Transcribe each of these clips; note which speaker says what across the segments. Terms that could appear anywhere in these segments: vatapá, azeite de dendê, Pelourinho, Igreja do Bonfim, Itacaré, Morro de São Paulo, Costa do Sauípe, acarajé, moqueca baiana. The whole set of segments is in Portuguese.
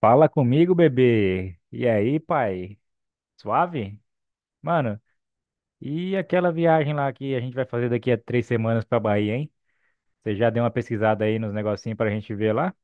Speaker 1: Fala comigo, bebê. E aí, pai? Suave? Mano, e aquela viagem lá que a gente vai fazer daqui a 3 semanas pra Bahia, hein? Você já deu uma pesquisada aí nos negocinhos pra gente ver lá?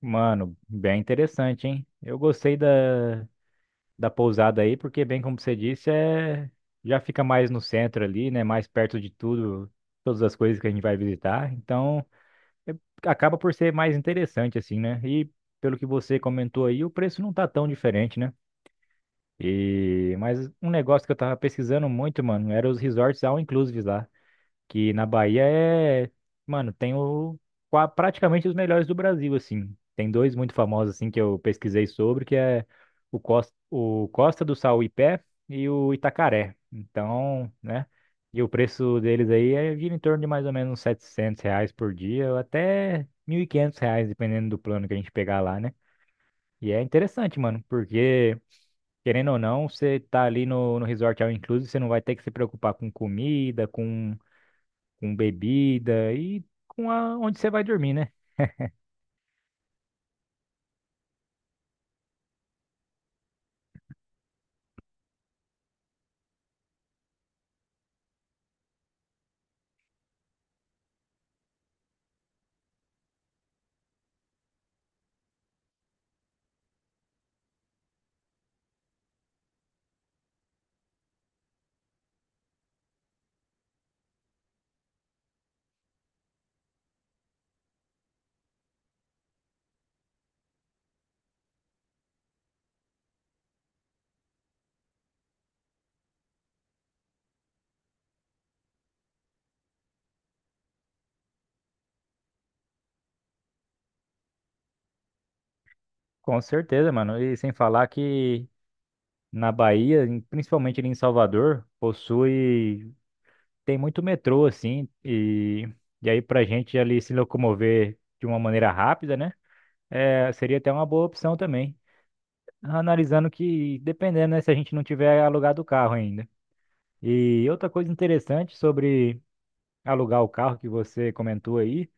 Speaker 1: Mano, bem interessante, hein? Eu gostei da pousada aí, porque, bem como você disse, já fica mais no centro ali, né? Mais perto de tudo, todas as coisas que a gente vai visitar. Então, é- acaba por ser mais interessante, assim, né? E pelo que você comentou aí, o preço não tá tão diferente, né? E mas um negócio que eu tava pesquisando muito, mano, era os resorts all inclusive lá, que na Bahia é, mano, tem o praticamente os melhores do Brasil assim. Tem dois muito famosos assim que eu pesquisei sobre, que é o Costa do Sauípe e o Itacaré. Então, né? E o preço deles aí é gira em torno de mais ou menos uns 700 reais por dia, ou até 1.500 reais, dependendo do plano que a gente pegar lá, né? E é interessante, mano, porque querendo ou não, você tá ali no, resort all inclusive, você não vai ter que se preocupar com comida, com bebida e onde você vai dormir, né? Com certeza, mano. E sem falar que na Bahia, principalmente ali em Salvador, tem muito metrô, assim, e aí pra gente ali se locomover de uma maneira rápida, né? É, seria até uma boa opção também. Analisando que, dependendo, né, se a gente não tiver alugado o carro ainda. E outra coisa interessante sobre alugar o carro que você comentou aí,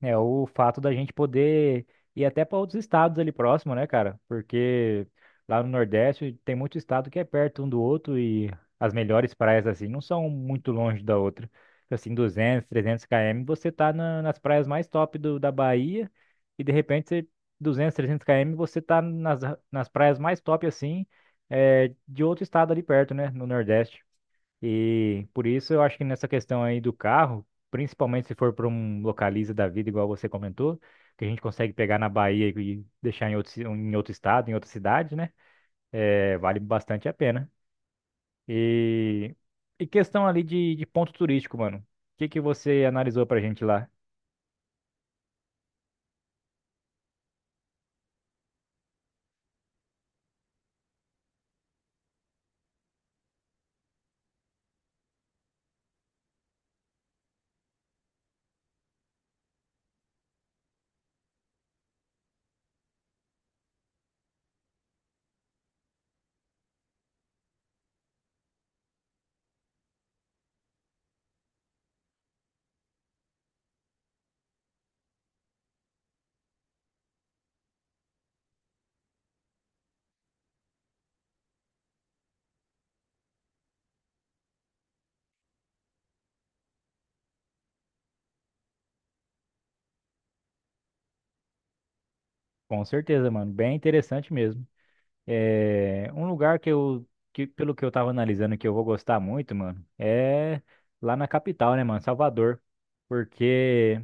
Speaker 1: é o fato da gente poder ir até para outros estados ali próximo, né, cara? Porque lá no Nordeste tem muito estado que é perto um do outro e as melhores praias assim não são muito longe da outra. Assim, 200 300 km, você tá nas praias mais top do, da Bahia e de repente você, 200 300 km, você tá nas praias mais top assim, é, de outro estado ali perto, né, no Nordeste. E por isso eu acho que nessa questão aí do carro, principalmente se for para um localiza da vida, igual você comentou, que a gente consegue pegar na Bahia e deixar em outro, em outro estado, em outra cidade, né? É, vale bastante a pena. E, e questão ali de, ponto turístico, mano. O que que você analisou pra gente lá? Com certeza, mano. Bem interessante mesmo. É, um lugar que eu, que, pelo que eu tava analisando, que eu vou gostar muito, mano, é lá na capital, né, mano? Salvador. Porque.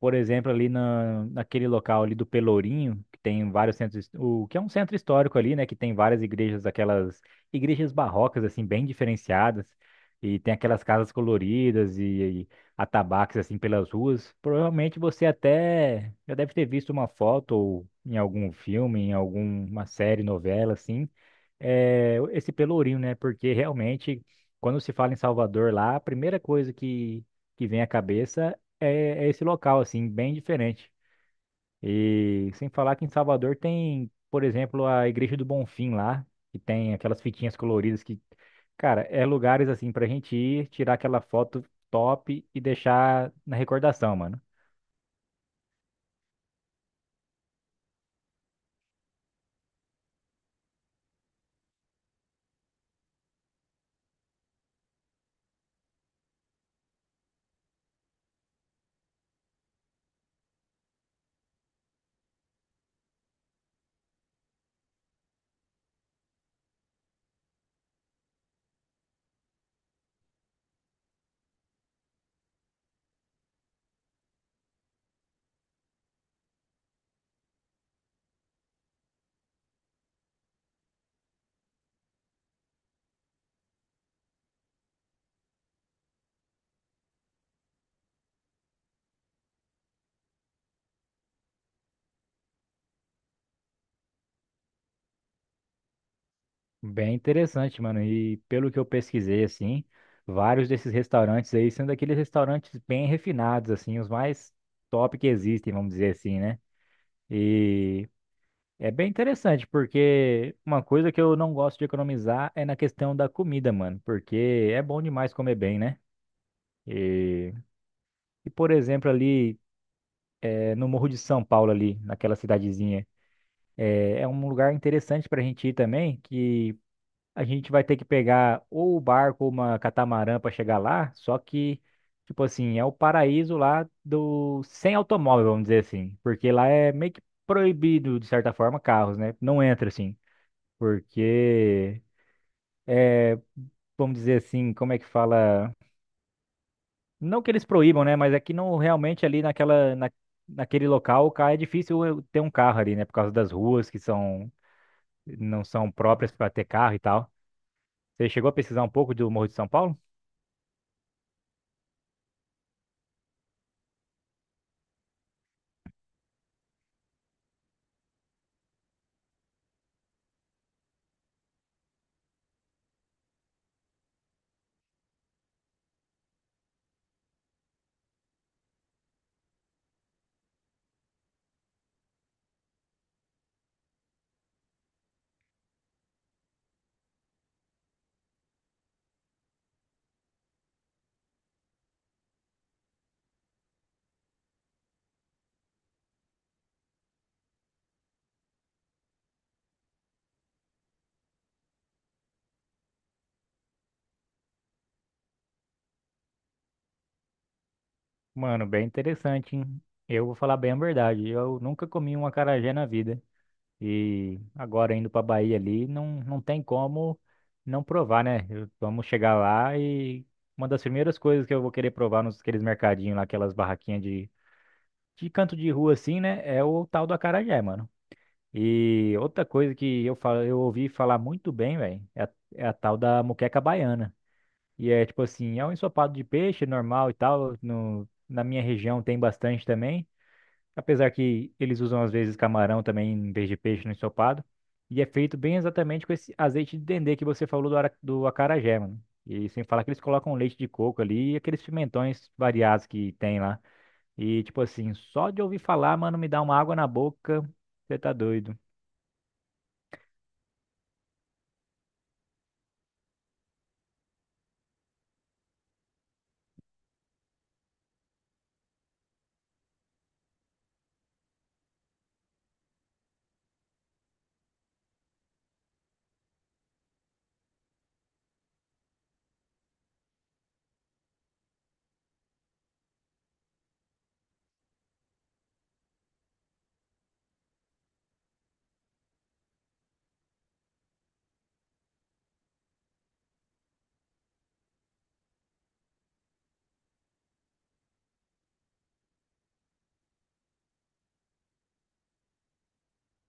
Speaker 1: Por exemplo, ali naquele local ali do Pelourinho, que tem vários centros, o que é um centro histórico ali, né, que tem várias igrejas, aquelas igrejas barrocas assim bem diferenciadas, e tem aquelas casas coloridas e, atabaques assim pelas ruas. Provavelmente você até já deve ter visto uma foto ou em algum filme, em alguma série, novela assim, é, esse Pelourinho, né? Porque realmente quando se fala em Salvador lá, a primeira coisa que vem à cabeça é esse local, assim, bem diferente. E sem falar que em Salvador tem, por exemplo, a Igreja do Bonfim lá, que tem aquelas fitinhas coloridas que, cara, é lugares assim pra gente ir, tirar aquela foto top e deixar na recordação, mano. Bem interessante, mano. E pelo que eu pesquisei, assim, vários desses restaurantes aí sendo aqueles restaurantes bem refinados, assim, os mais top que existem, vamos dizer assim, né? E É bem interessante, porque uma coisa que eu não gosto de economizar é na questão da comida, mano. Porque é bom demais comer bem, né? E, e, por exemplo, ali no Morro de São Paulo, ali, naquela cidadezinha, é, um lugar interessante pra gente ir também, que a gente vai ter que pegar ou o barco ou uma catamarã pra chegar lá, só que, tipo assim, é o paraíso lá do sem automóvel, vamos dizer assim. Porque lá é meio que proibido, de certa forma, carros, né? Não entra assim. Porque vamos dizer assim, como é que fala? Não que eles proíbam, né? Mas é que não realmente ali naquele local, cara, é difícil eu ter um carro ali, né? Por causa das ruas que não são próprias para ter carro e tal. Você chegou a pesquisar um pouco do Morro de São Paulo? Mano, bem interessante, hein? Eu vou falar bem a verdade. Eu nunca comi um acarajé na vida. E agora indo pra Bahia ali, não tem como não provar, né? Vamos chegar lá e uma das primeiras coisas que eu vou querer provar nos aqueles mercadinhos lá, aquelas barraquinhas de canto de rua assim, né, é o tal do acarajé, mano. E outra coisa que eu falo, eu ouvi falar muito bem, velho, é a tal da moqueca baiana. E é tipo assim, é um ensopado de peixe normal e tal, no, na minha região tem bastante também, apesar que eles usam às vezes camarão também em vez de peixe no ensopado. E é feito bem exatamente com esse azeite de dendê que você falou do acarajé, mano. E sem falar que eles colocam leite de coco ali e aqueles pimentões variados que tem lá. E, tipo assim, só de ouvir falar, mano, me dá uma água na boca. Você tá doido.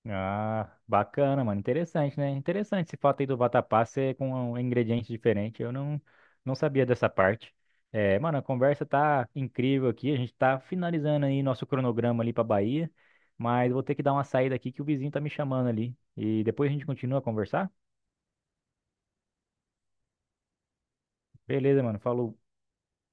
Speaker 1: Ah, bacana, mano. Interessante, né? Interessante esse fato aí do vatapá ser com ingredientes diferentes. Eu não sabia dessa parte. É, mano, a conversa tá incrível aqui. A gente tá finalizando aí nosso cronograma ali pra Bahia. Mas vou ter que dar uma saída aqui que o vizinho tá me chamando ali. E depois a gente continua a conversar? Beleza, mano. Falou.